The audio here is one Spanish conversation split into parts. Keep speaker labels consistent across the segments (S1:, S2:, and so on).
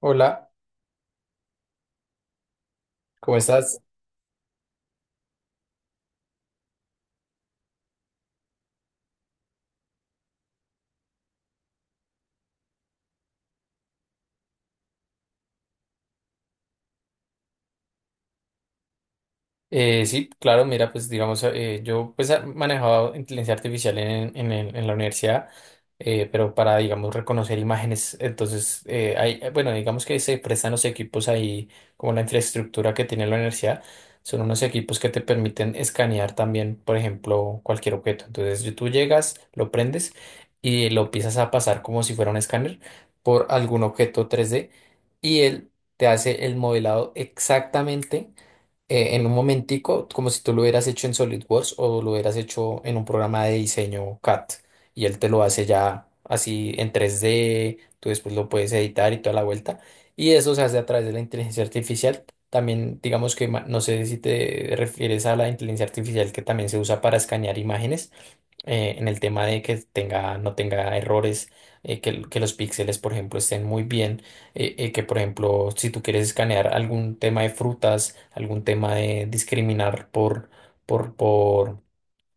S1: Hola, ¿cómo estás? Sí, claro, mira, pues digamos, yo pues manejaba inteligencia artificial en la universidad, pero para, digamos, reconocer imágenes, entonces, hay, bueno, digamos que se prestan los equipos ahí, como la infraestructura que tiene la universidad, son unos equipos que te permiten escanear también, por ejemplo, cualquier objeto. Entonces, tú llegas, lo prendes y lo empiezas a pasar como si fuera un escáner por algún objeto 3D y él te hace el modelado exactamente en un momentico, como si tú lo hubieras hecho en SolidWorks o lo hubieras hecho en un programa de diseño CAD. Y él te lo hace ya así en 3D, tú después lo puedes editar y toda la vuelta. Y eso se hace a través de la inteligencia artificial. También, digamos que, no sé si te refieres a la inteligencia artificial que también se usa para escanear imágenes en el tema de que tenga, no tenga errores, que, que los píxeles, por ejemplo, estén muy bien, que, por ejemplo, si tú quieres escanear algún tema de frutas, algún tema de discriminar por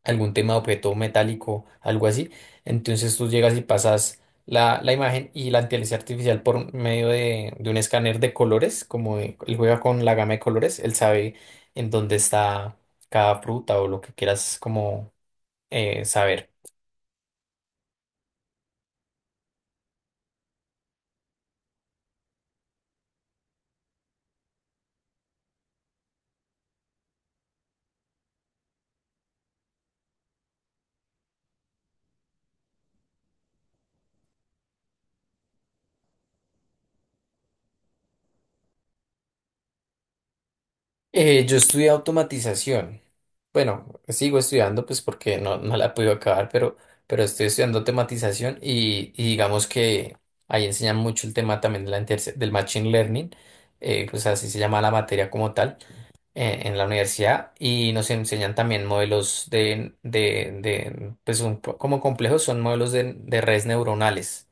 S1: algún tema de objeto metálico, algo así, entonces tú llegas y pasas la imagen y la inteligencia artificial por medio de un escáner de colores, como él juega con la gama de colores, él sabe en dónde está cada fruta o lo que quieras como saber. Yo estudié automatización. Bueno, sigo estudiando pues porque no la pude acabar, pero estoy estudiando automatización y digamos que ahí enseñan mucho el tema también de del machine learning, pues así se llama la materia como tal en la universidad y nos enseñan también modelos de pues como complejos son modelos de redes neuronales.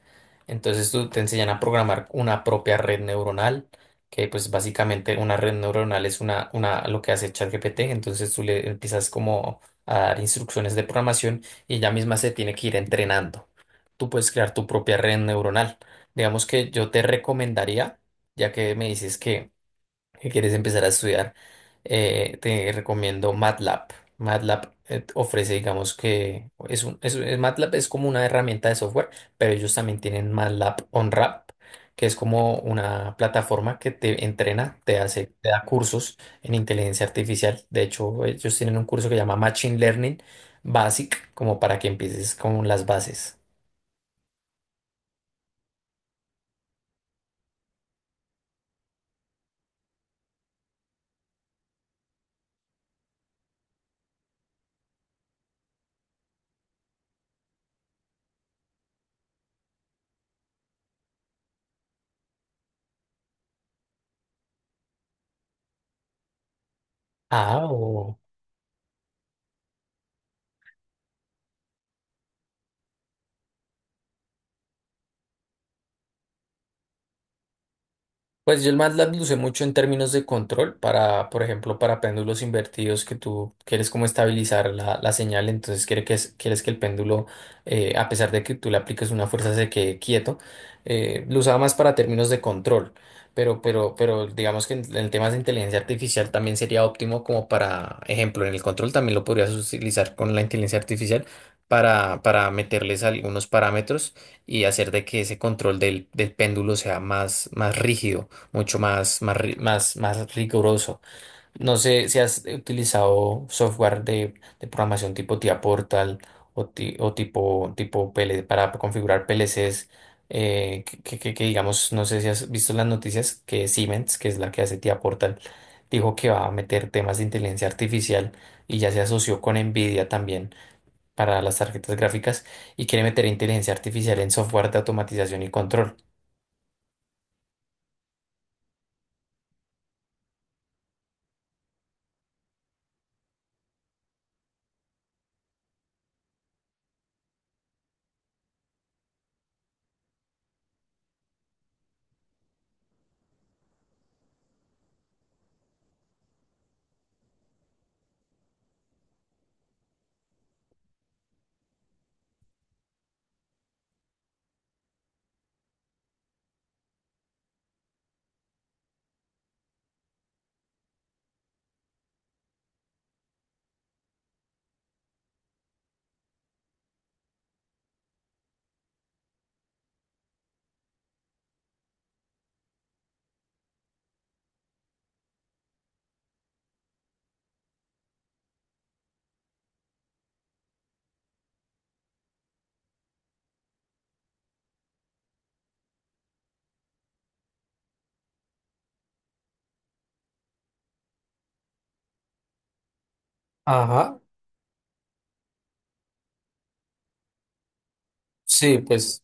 S1: Entonces tú te enseñan a programar una propia red neuronal, que pues básicamente una red neuronal es una, lo que hace ChatGPT, entonces tú le empiezas como a dar instrucciones de programación y ella misma se tiene que ir entrenando. Tú puedes crear tu propia red neuronal. Digamos que yo te recomendaría, ya que me dices que quieres empezar a estudiar, te recomiendo MATLAB. MATLAB ofrece, digamos que es un, MATLAB es como una herramienta de software, pero ellos también tienen MATLAB OnRap, que es como una plataforma que te entrena, te hace, te da cursos en inteligencia artificial. De hecho, ellos tienen un curso que se llama Machine Learning Basic, como para que empieces con las bases. Ah, pues yo el MATLAB lo usé mucho en términos de control para, por ejemplo, para péndulos invertidos que tú quieres como estabilizar la señal, entonces quiere que, quieres que el péndulo, a pesar de que tú le apliques una fuerza, se quede quieto. Lo usaba más para términos de control, pero digamos que en temas de inteligencia artificial también sería óptimo como para, ejemplo, en el control también lo podrías utilizar con la inteligencia artificial para meterles algunos parámetros y hacer de que ese control del péndulo sea más, más rígido mucho más, más, más, más riguroso. No sé si has utilizado software de programación tipo TIA Portal o tipo, tipo PL para configurar PLCs, que, que digamos, no sé si has visto las noticias que Siemens, que es la que hace TIA Portal, dijo que va a meter temas de inteligencia artificial y ya se asoció con Nvidia también para las tarjetas gráficas y quiere meter inteligencia artificial en software de automatización y control. Ajá, sí, pues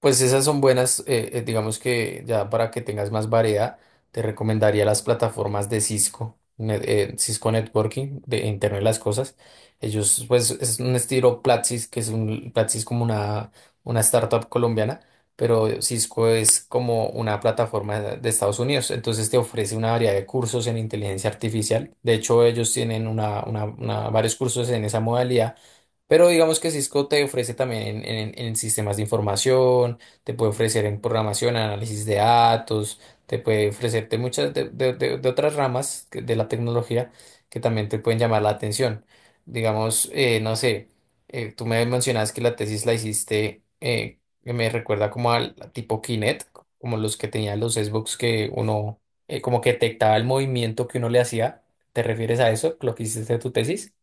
S1: pues esas son buenas, digamos que ya para que tengas más variedad, te recomendaría las plataformas de Cisco, Cisco Networking, de Internet de las Cosas. Ellos, pues, es un estilo Platzi, que es un, Platzi es como una startup colombiana, pero Cisco es como una plataforma de Estados Unidos. Entonces te ofrece una variedad de cursos en inteligencia artificial. De hecho, ellos tienen una, varios cursos en esa modalidad, pero digamos que Cisco te ofrece también en, en sistemas de información, te puede ofrecer en programación, análisis de datos, te puede ofrecerte muchas de otras ramas de la tecnología que también te pueden llamar la atención. Digamos, no sé, tú me mencionas que la tesis la hiciste, que me recuerda como al tipo Kinect, como los que tenían los Xbox que uno como que detectaba el movimiento que uno le hacía. ¿Te refieres a eso, lo que hiciste de tu tesis?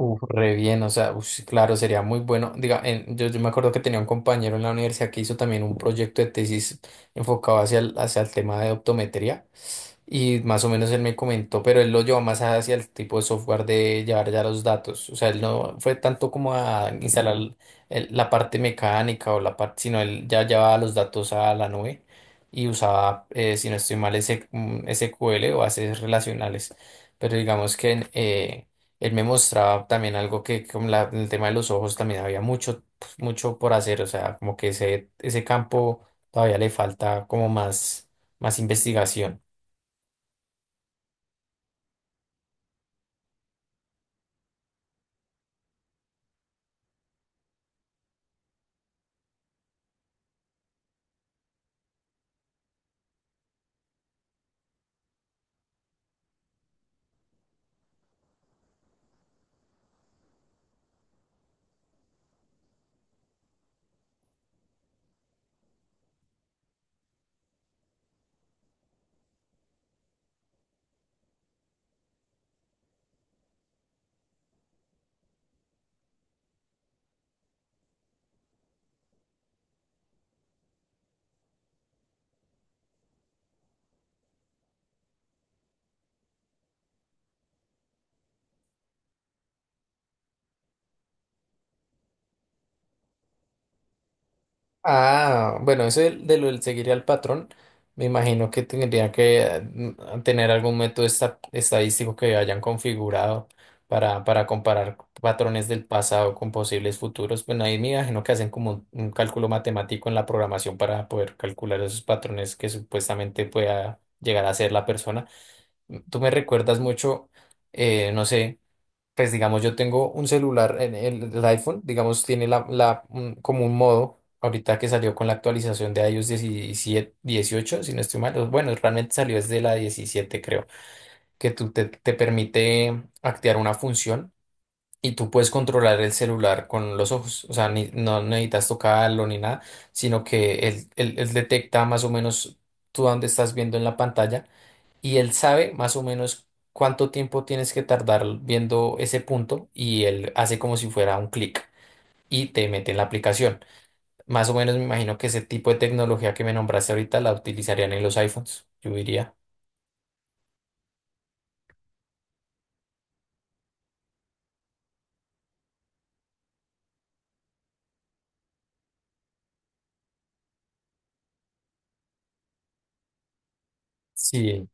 S1: Uf, re bien, o sea, ush, claro, sería muy bueno. Diga, yo, yo me acuerdo que tenía un compañero en la universidad que hizo también un proyecto de tesis enfocado hacia el tema de optometría. Y más o menos él me comentó, pero él lo llevó más hacia el tipo de software de llevar ya los datos. O sea, él no fue tanto como a instalar la parte mecánica o la parte, sino él ya llevaba los datos a la nube y usaba, si no estoy mal, ese, mm, SQL o bases relacionales. Pero digamos que él me mostraba también algo que con el tema de los ojos también había mucho, pues, mucho por hacer. O sea, como que ese campo todavía le falta como más, más investigación. Ah, bueno, eso de lo del seguir al patrón, me imagino que tendría que tener algún método estadístico que hayan configurado para comparar patrones del pasado con posibles futuros. Bueno, ahí me imagino que hacen como un cálculo matemático en la programación para poder calcular esos patrones que supuestamente pueda llegar a ser la persona. Mm, tú me recuerdas mucho, no sé. Pues digamos, yo tengo un celular, el iPhone, digamos, tiene como un modo, ahorita que salió con la actualización de iOS 17 18 si no estoy mal, o bueno, realmente salió desde la 17 creo, que te permite activar una función y tú puedes controlar el celular con los ojos, o sea, no necesitas tocarlo ni nada, sino que él detecta más o menos tú dónde estás viendo en la pantalla y él sabe más o menos cuánto tiempo tienes que tardar viendo ese punto y él hace como si fuera un clic y te mete en la aplicación. Más o menos me imagino que ese tipo de tecnología que me nombraste ahorita la utilizarían en los iPhones, yo diría. Sí,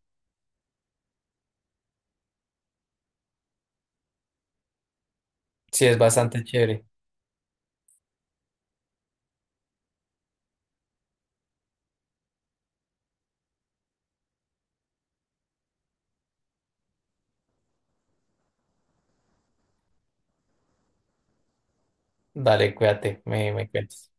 S1: sí, es bastante chévere. Dale, cuídate, me cuentas.